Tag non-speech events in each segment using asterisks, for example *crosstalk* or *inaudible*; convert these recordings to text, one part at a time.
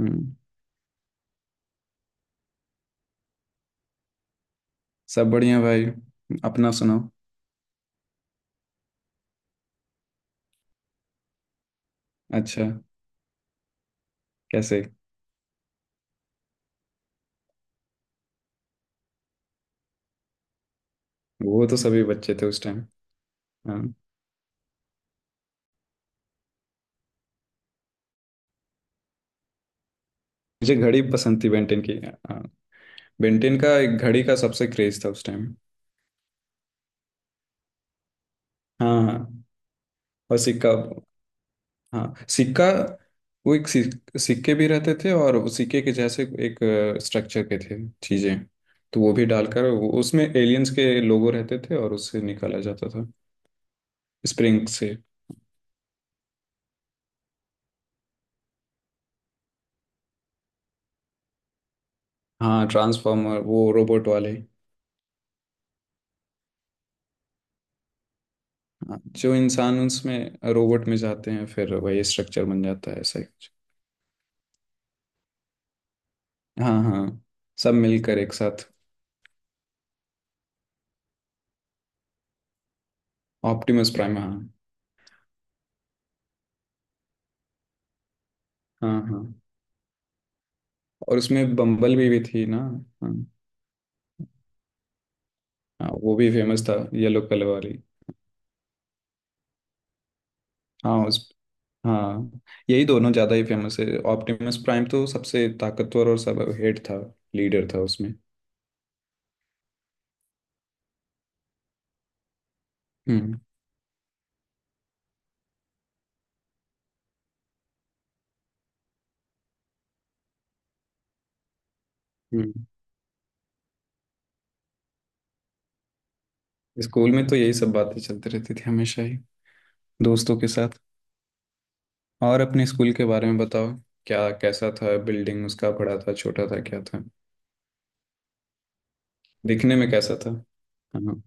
हम्म। सब बढ़िया भाई। अपना सुनाओ। अच्छा। कैसे? वो तो सभी बच्चे थे उस टाइम। हाँ। मुझे घड़ी पसंद थी बेंटेन की। हाँ। बेंटेन का एक घड़ी का सबसे क्रेज था उस टाइम। हाँ हाँ। और सिक्का। हाँ सिक्का। वो एक सिक्के भी रहते थे और वो सिक्के के जैसे एक स्ट्रक्चर के थे, चीजें। तो वो भी डालकर उसमें एलियंस के लोगो रहते थे और उससे निकाला जाता था, स्प्रिंग से। हाँ ट्रांसफॉर्मर, वो रोबोट वाले। हाँ, जो इंसान उसमें रोबोट में जाते हैं फिर वही स्ट्रक्चर बन जाता है, ऐसा ही कुछ। हाँ हाँ। सब मिलकर एक साथ। ऑप्टिमस प्राइम, हाँ। हाँ हाँ। और उसमें बम्बल भी थी ना। हाँ। हाँ वो भी फेमस था, येलो कलर वाली। हाँ उस। हाँ यही दोनों ज़्यादा ही फेमस है। ऑप्टिमस प्राइम तो सबसे ताकतवर और सब हेड था, लीडर था उसमें। हम्म। हम्म। स्कूल में तो यही सब बातें चलती रहती थी हमेशा ही, दोस्तों के साथ। और अपने स्कूल के बारे में बताओ। क्या कैसा था? बिल्डिंग उसका बड़ा था, छोटा था, क्या था? दिखने में कैसा था? हाँ।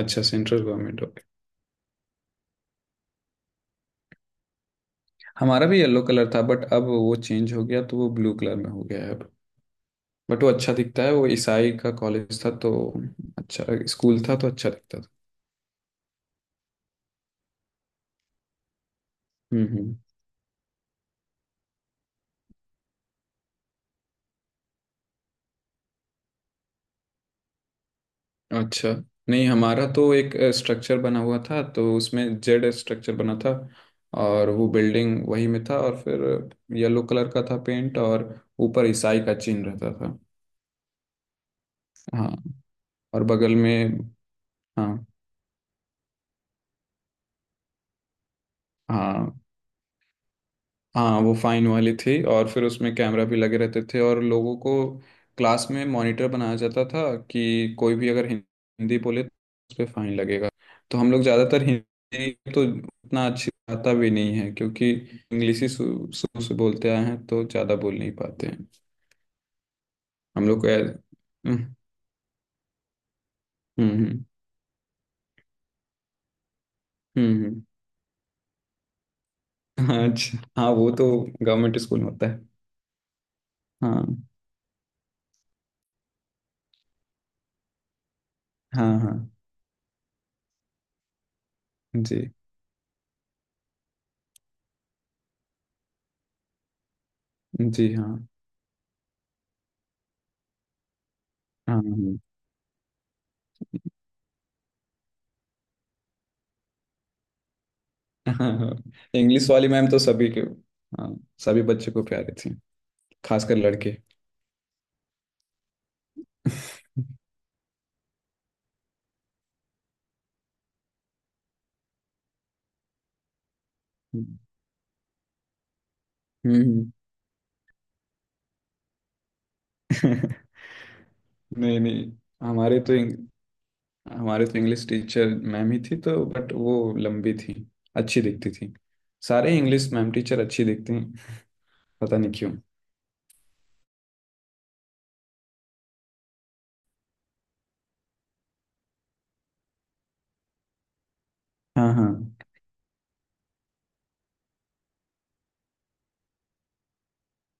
अच्छा, सेंट्रल गवर्नमेंट, ओके। हमारा भी येलो कलर था बट अब वो चेंज हो गया तो वो ब्लू कलर में हो गया है अब। बट वो अच्छा दिखता है। वो ईसाई का कॉलेज था तो। अच्छा। स्कूल था तो अच्छा दिखता था। हम्म। अच्छा। नहीं, हमारा तो एक स्ट्रक्चर बना हुआ था तो उसमें जेड स्ट्रक्चर बना था। और वो बिल्डिंग वही में था। और फिर येलो कलर का था पेंट। और ऊपर ईसाई का चिन्ह रहता था। हाँ। और बगल में। हाँ। हाँ। हाँ, वो फाइन वाली थी और फिर उसमें कैमरा भी लगे रहते थे और लोगों को क्लास में मॉनिटर बनाया जाता था कि कोई भी अगर हिंदी बोले तो उस पर फाइन लगेगा। तो हम लोग ज़्यादातर हिंदी तो उतना अच्छी आता भी नहीं है क्योंकि इंग्लिश ही शुरू शुरू से बोलते आए हैं तो ज़्यादा बोल नहीं पाते हैं। हम लोग को ऐ- हम्म। हम्म। हम्म। हम्म, हम्म, हाँ, अच्छा। हाँ वो तो गवर्नमेंट स्कूल में होता है। हाँ हाँ। हाँ। जी। जी हाँ। हाँ हाँ। हाँ इंग्लिश वाली मैम तो सभी के। हाँ। सभी बच्चों को प्यारी थी, खासकर लड़के। हम्म। *laughs* नहीं नहीं। हमारे तो इंग, हमारे तो इंग्लिश टीचर मैम ही थी तो, बट वो लंबी थी, अच्छी दिखती थी। सारे इंग्लिश मैम टीचर अच्छी दिखते हैं, पता नहीं क्यों। हाँ। हाँ।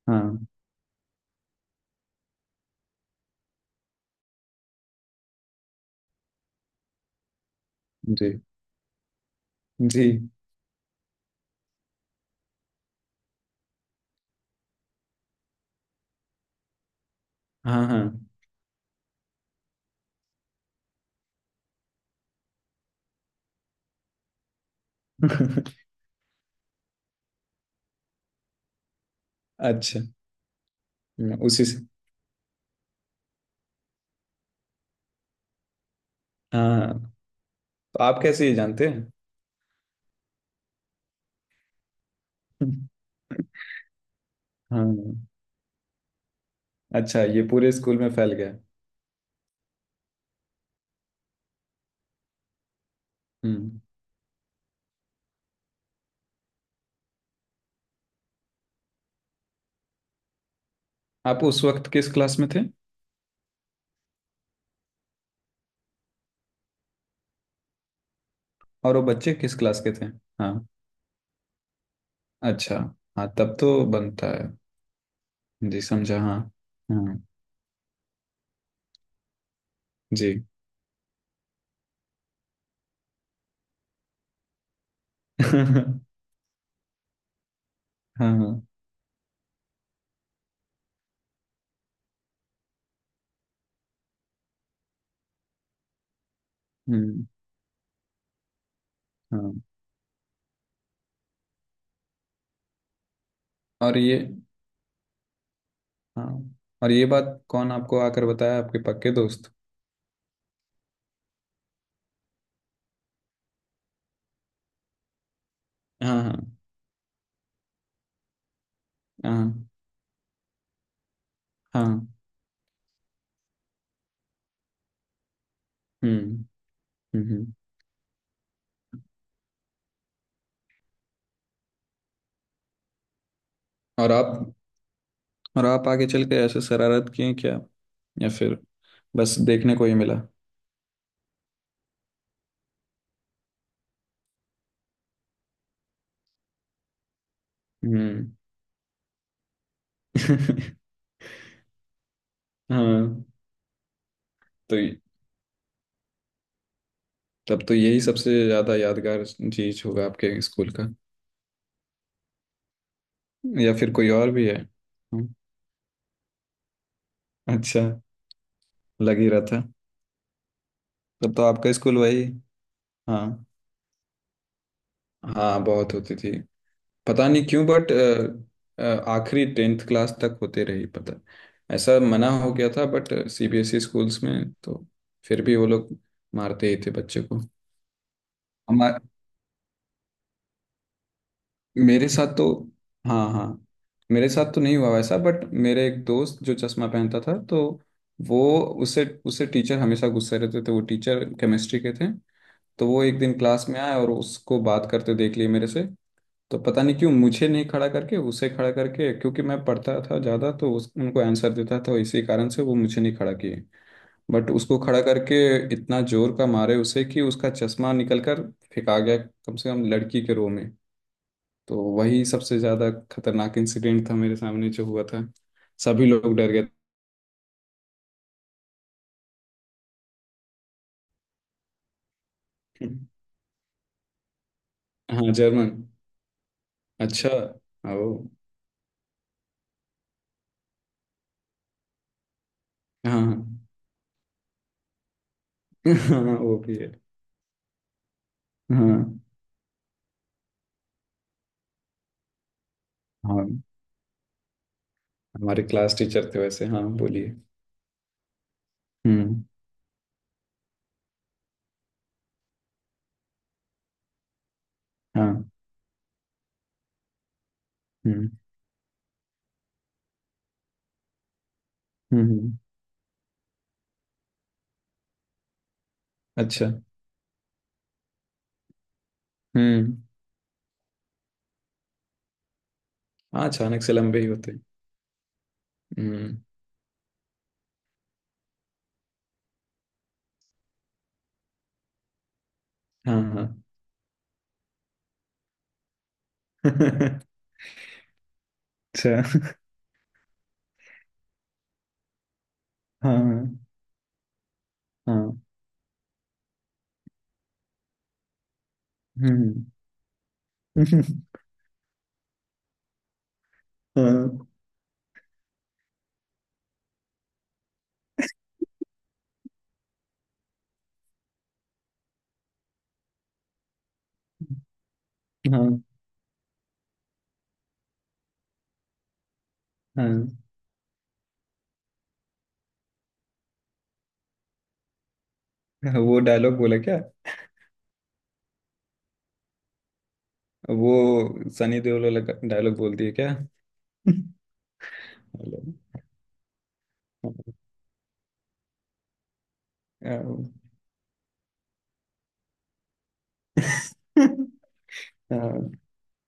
हाँ। जी। जी। हाँ हाँ। *laughs* अच्छा। उसी से। हाँ हाँ। तो आप कैसे ये जानते हैं? *laughs* हाँ। अच्छा, ये पूरे स्कूल में फैल गया। हम्म। आप उस वक्त किस क्लास में थे? और वो बच्चे किस क्लास के थे? हाँ। अच्छा। हाँ तब तो बनता है। जी, समझा। हाँ। हाँ। जी। *laughs* हाँ। हाँ। हम्म। हाँ। और ये। हाँ। और ये बात कौन आपको आकर बताया? आपके पक्के दोस्त? हाँ। हाँ हाँ। हाँ। हम्म। हम्म। हम्म। और आप। और आप आगे चल के ऐसे शरारत किए क्या? या फिर बस देखने को ही मिला? हम्म। *laughs* हाँ, तो तब तो यही सबसे ज्यादा यादगार चीज होगा आपके स्कूल का? या फिर कोई और भी है? हम्म, अच्छा। लग ही रहा था। तब तो आपका स्कूल वही। हाँ। हाँ बहुत होती थी, पता नहीं क्यों, बट आखिरी टेंथ क्लास तक होते रही। पता, ऐसा मना हो गया था बट सीबीएसई स्कूल्स में तो फिर भी वो लोग मारते ही थे बच्चे को। मेरे साथ तो। हाँ हाँ। मेरे साथ तो नहीं हुआ वैसा, बट मेरे एक दोस्त जो चश्मा पहनता था, तो वो, उसे उसे टीचर हमेशा गुस्से रहते थे। वो टीचर केमिस्ट्री के थे। तो वो एक दिन क्लास में आए और उसको बात करते देख लिए मेरे से। तो पता नहीं क्यों मुझे नहीं खड़ा करके उसे खड़ा करके, क्योंकि मैं पढ़ता था ज़्यादा तो उनको आंसर देता था इसी कारण से वो मुझे नहीं खड़ा किए बट उसको खड़ा करके इतना जोर का मारे उसे कि उसका चश्मा निकल कर फेंका गया कम से कम लड़की के रो में। तो वही सबसे ज्यादा खतरनाक इंसिडेंट था मेरे सामने जो हुआ था। सभी लोग डर गए थे। हाँ, जर्मन। अच्छा। ओ। हाँ। हाँ। *laughs* हाँ, वो भी है। हाँ। हाँ हमारे क्लास टीचर थे वैसे। हाँ बोलिए। हम्म। हाँ। हम्म। हम्म। अच्छा। हम्म। हाँ, अचानक से लंबे ही होते हैं। हम्म। हाँ। हाँ। *laughs* अच्छा। हाँ। हाँ। हम्म। *laughs* हाँ। हाँ। हाँ। हाँ, वो डायलॉग बोला क्या? वो सनी देओल वाला डायलॉग बोलती है क्या? हेलो। हाँ। हाँ,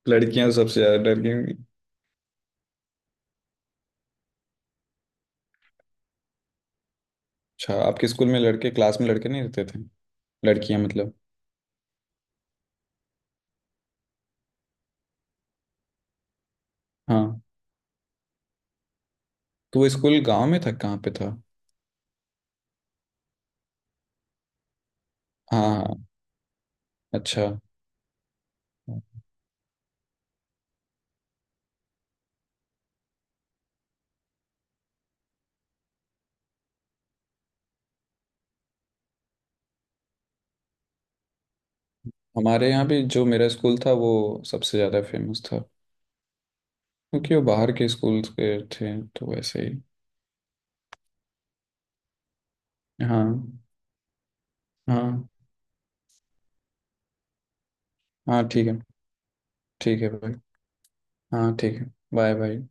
लड़कियां सबसे ज्यादा डरती हैं। अच्छा आपके स्कूल में लड़के, क्लास में लड़के नहीं रहते थे? लड़कियां मतलब। हाँ, तो वो स्कूल गांव में था? कहाँ पे था? हाँ हाँ। अच्छा। हमारे यहाँ भी जो मेरा स्कूल था वो सबसे ज़्यादा फेमस था क्योंकि वो बाहर के स्कूल के थे तो वैसे ही। हाँ। हाँ। हाँ ठीक है। ठीक है भाई। हाँ ठीक है, बाय बाय।